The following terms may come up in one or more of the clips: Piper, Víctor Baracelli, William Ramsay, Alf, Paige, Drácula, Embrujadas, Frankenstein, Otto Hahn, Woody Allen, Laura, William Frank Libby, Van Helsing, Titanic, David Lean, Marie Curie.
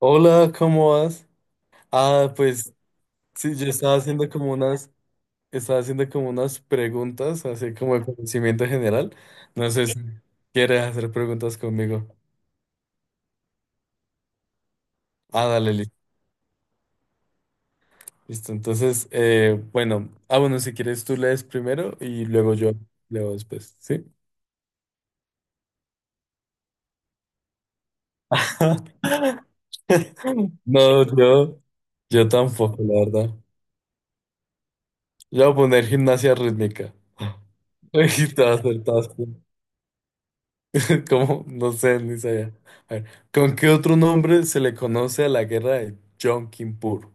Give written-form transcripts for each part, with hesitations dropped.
Hola, ¿cómo vas? Ah, pues sí, yo estaba haciendo como unas preguntas, así como de conocimiento general. No sé si quieres hacer preguntas conmigo. Ah, dale, listo. Entonces, bueno, bueno, si quieres tú lees primero y luego yo leo después, ¿sí? No, yo tampoco, la verdad. Yo voy a poner gimnasia rítmica. Y te acertaste. ¿Cómo? No sé, ni sabía. A ver, ¿con qué otro nombre se le conoce a la guerra de Yom Kippur?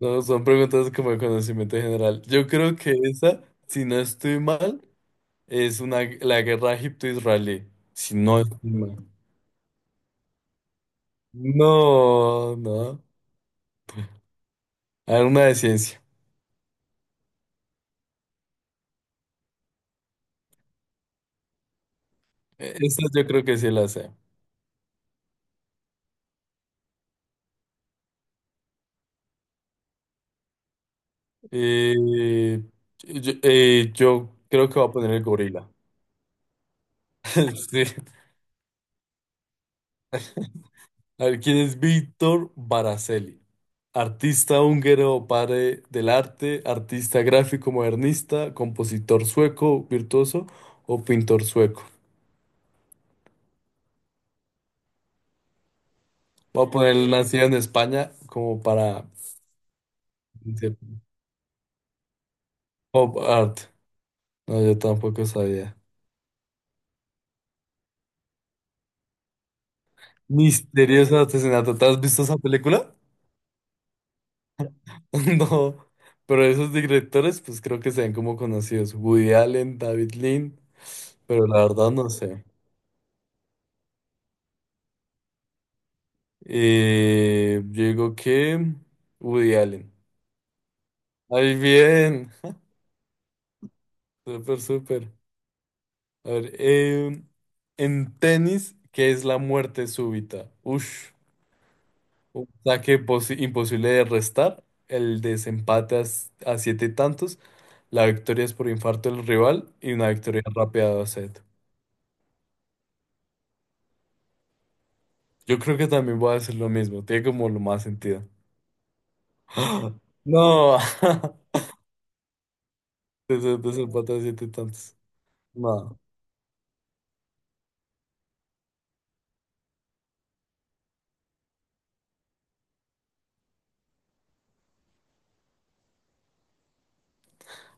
No, son preguntas como de conocimiento general. Yo creo que esa, si no estoy mal, es una, la guerra egipto-israelí. Si no estoy mal. No, no. A ver, una de ciencia. Esta yo creo que sí la sé. Eh, yo creo que voy a poner el gorila. Sí. A ver, ¿quién es Víctor Baracelli? Artista húngaro, padre del arte, artista gráfico modernista, compositor sueco, virtuoso o pintor sueco. Voy a poner nacido en España como para dice, pop art. No, yo tampoco sabía. Misterioso asesinato. ¿Te has visto esa película? No. Pero esos directores, pues creo que se ven como conocidos. Woody Allen, David Lean, pero la verdad no sé. Yo digo que Woody Allen. Ay, bien. Súper, súper. A ver, en tenis, ¿qué es la muerte súbita? Ush, un saque imposible de restar, el desempate a 7 tantos, la victoria es por infarto del rival y una victoria rápida a set. Yo creo que también voy a hacer lo mismo, tiene como lo más sentido. No, desempate a 7 tantos. No.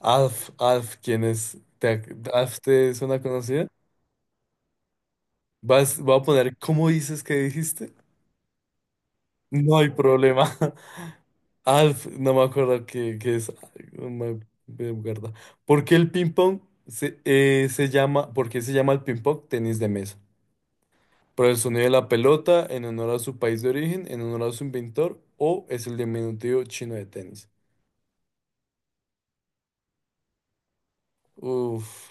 Alf, ¿quién es? Alf te suena conocida? Voy a poner, ¿cómo dices que dijiste? No hay problema. Alf, no me acuerdo qué es. Ay, no me acuerdo. ¿Por qué el ping-pong se llama el ping-pong tenis de mesa? ¿Por el sonido de la pelota, en honor a su país de origen, en honor a su inventor, o es el diminutivo chino de tenis? Uf,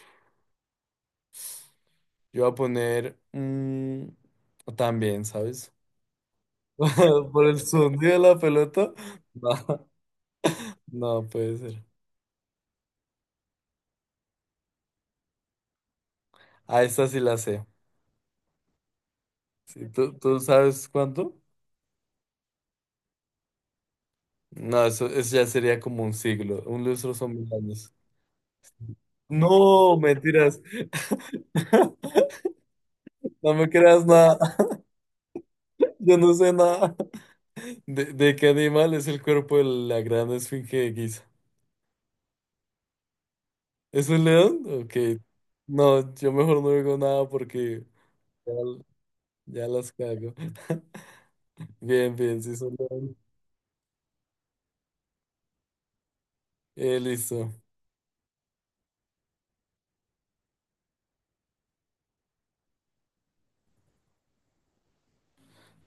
yo voy a poner también, ¿sabes? Por el sonido de la pelota. No, no puede ser. A esta sí la sé. Sí, ¿tú sabes cuánto? No, eso ya sería como un siglo. Un lustro son 1000 años. No, mentiras. No me creas nada. Yo no sé nada. ¿De qué animal es el cuerpo de la gran esfinge de Giza? ¿Es un león? Ok. No, yo mejor no digo nada porque ya, ya las cago. Bien, bien, sí, son león. Listo.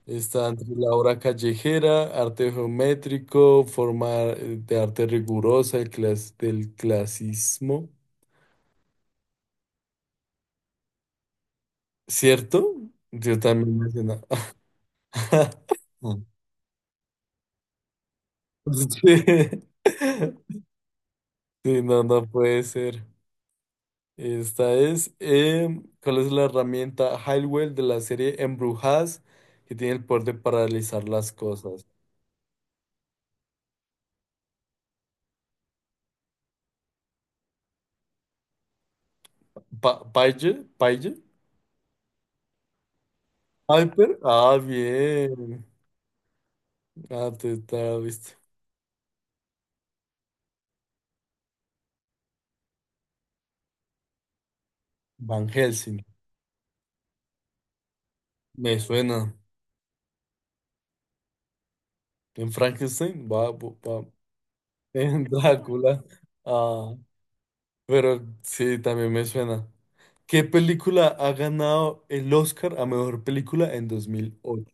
Está entre la obra callejera, arte geométrico, forma de arte rigurosa, del clasismo. ¿Cierto? Yo también mencionaba. Sí. Sí, no, no puede ser. Esta es, ¿cuál es la herramienta Highwell de la serie Embrujadas que tiene el poder de paralizar las cosas? Pa Paige, Paige, Piper, ah, bien. Ah, te la viste. Van Helsing. Me suena. En Frankenstein, va, bu- va, en Drácula. Ah, pero sí, también me suena. ¿Qué película ha ganado el Oscar a mejor película en 2008?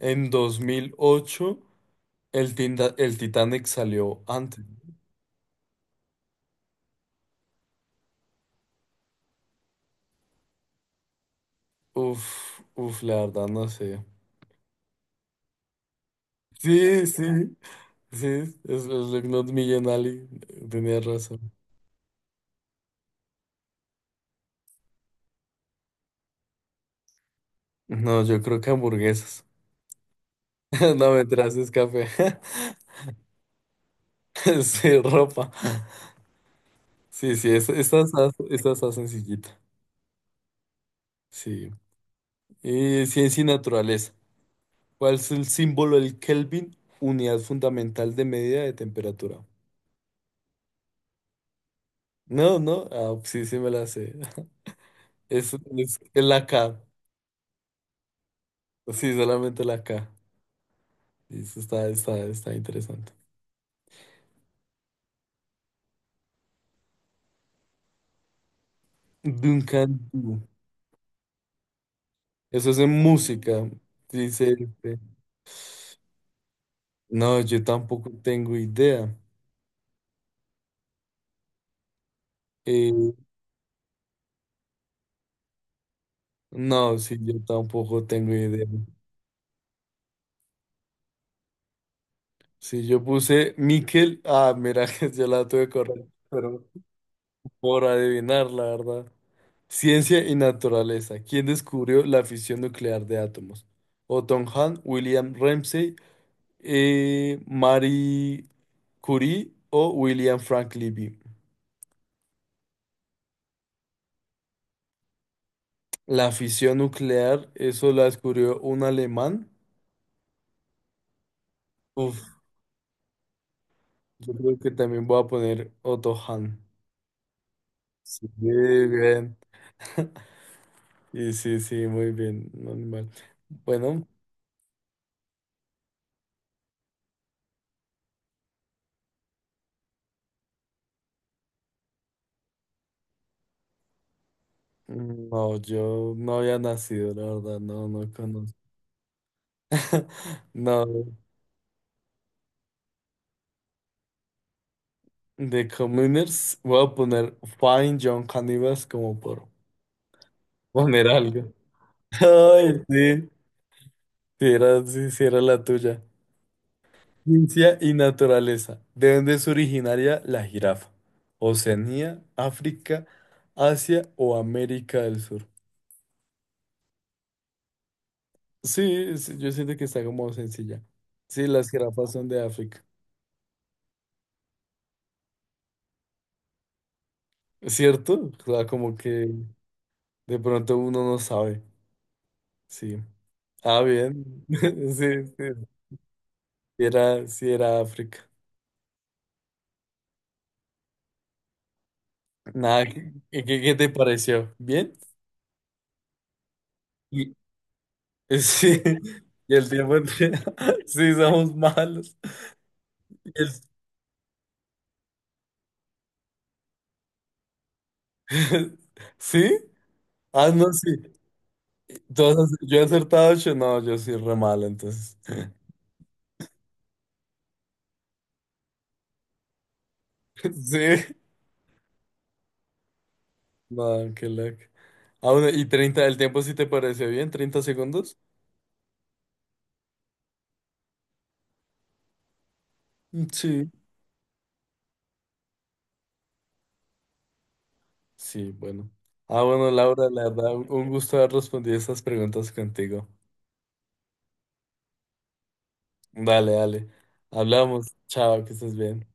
En 2008 el Titanic salió antes. Uf, uf, la verdad no sé. Sí, sí, sí, es Not Million Ali, tenía razón. No, yo creo que hamburguesas. No, me es café. Sí, ropa. Sí, sí, es- esta está sencillita. Sí. Ciencia y naturaleza. ¿Cuál es el símbolo del Kelvin? Unidad fundamental de medida de temperatura. No, no. Ah, sí, sí me la sé. Es la K. Sí, solamente la K. Y eso está interesante. Duncan Du. Eso es en música. Dice. Este, no, yo tampoco tengo idea. Eh, no, sí, yo tampoco tengo idea. Si yo puse Miquel, ah, mira, yo la tuve correcta, pero por adivinar, la verdad. Ciencia y naturaleza. ¿Quién descubrió la fisión nuclear de átomos? Otto Hahn, William Ramsay, Marie Curie o William Frank Libby. La fisión nuclear, eso la descubrió un alemán. Uf, yo creo que también voy a poner Otto Hahn. Sí, bien. Y sí, sí, muy bien, no, ni mal. Bueno. No, yo no había nacido, la verdad, no, no conozco. No, de Communers voy a poner Fine John Cannibals como por poner algo. Ay, sí, si era, sí, sí era la tuya. Ciencia y naturaleza. ¿De dónde es originaria la jirafa? ¿Oceanía, África, Asia o América del Sur? Sí, sí, yo siento que está como sencilla. Sí, las jirafas son de África. ¿Cierto? O sea, como que de pronto uno no sabe. Sí. Ah, bien. Sí, sí. Sí era, sí era África. Nada, ¿qué te pareció? ¿Bien? Y, sí. Y el tiempo entre. Sí, somos malos. el- ¿Sí? Ah, no, sí. ¿Tú yo he acertado ocho. No, yo soy re malo, entonces. Sí. No, qué loco. Ah, bueno, ¿y 30 ¿el tiempo sí te pareció bien? ¿30 segundos? Sí. Sí, bueno. Ah, bueno, Laura, la verdad, un gusto haber respondido estas preguntas contigo. Dale, dale. Hablamos. Chao, que estés bien.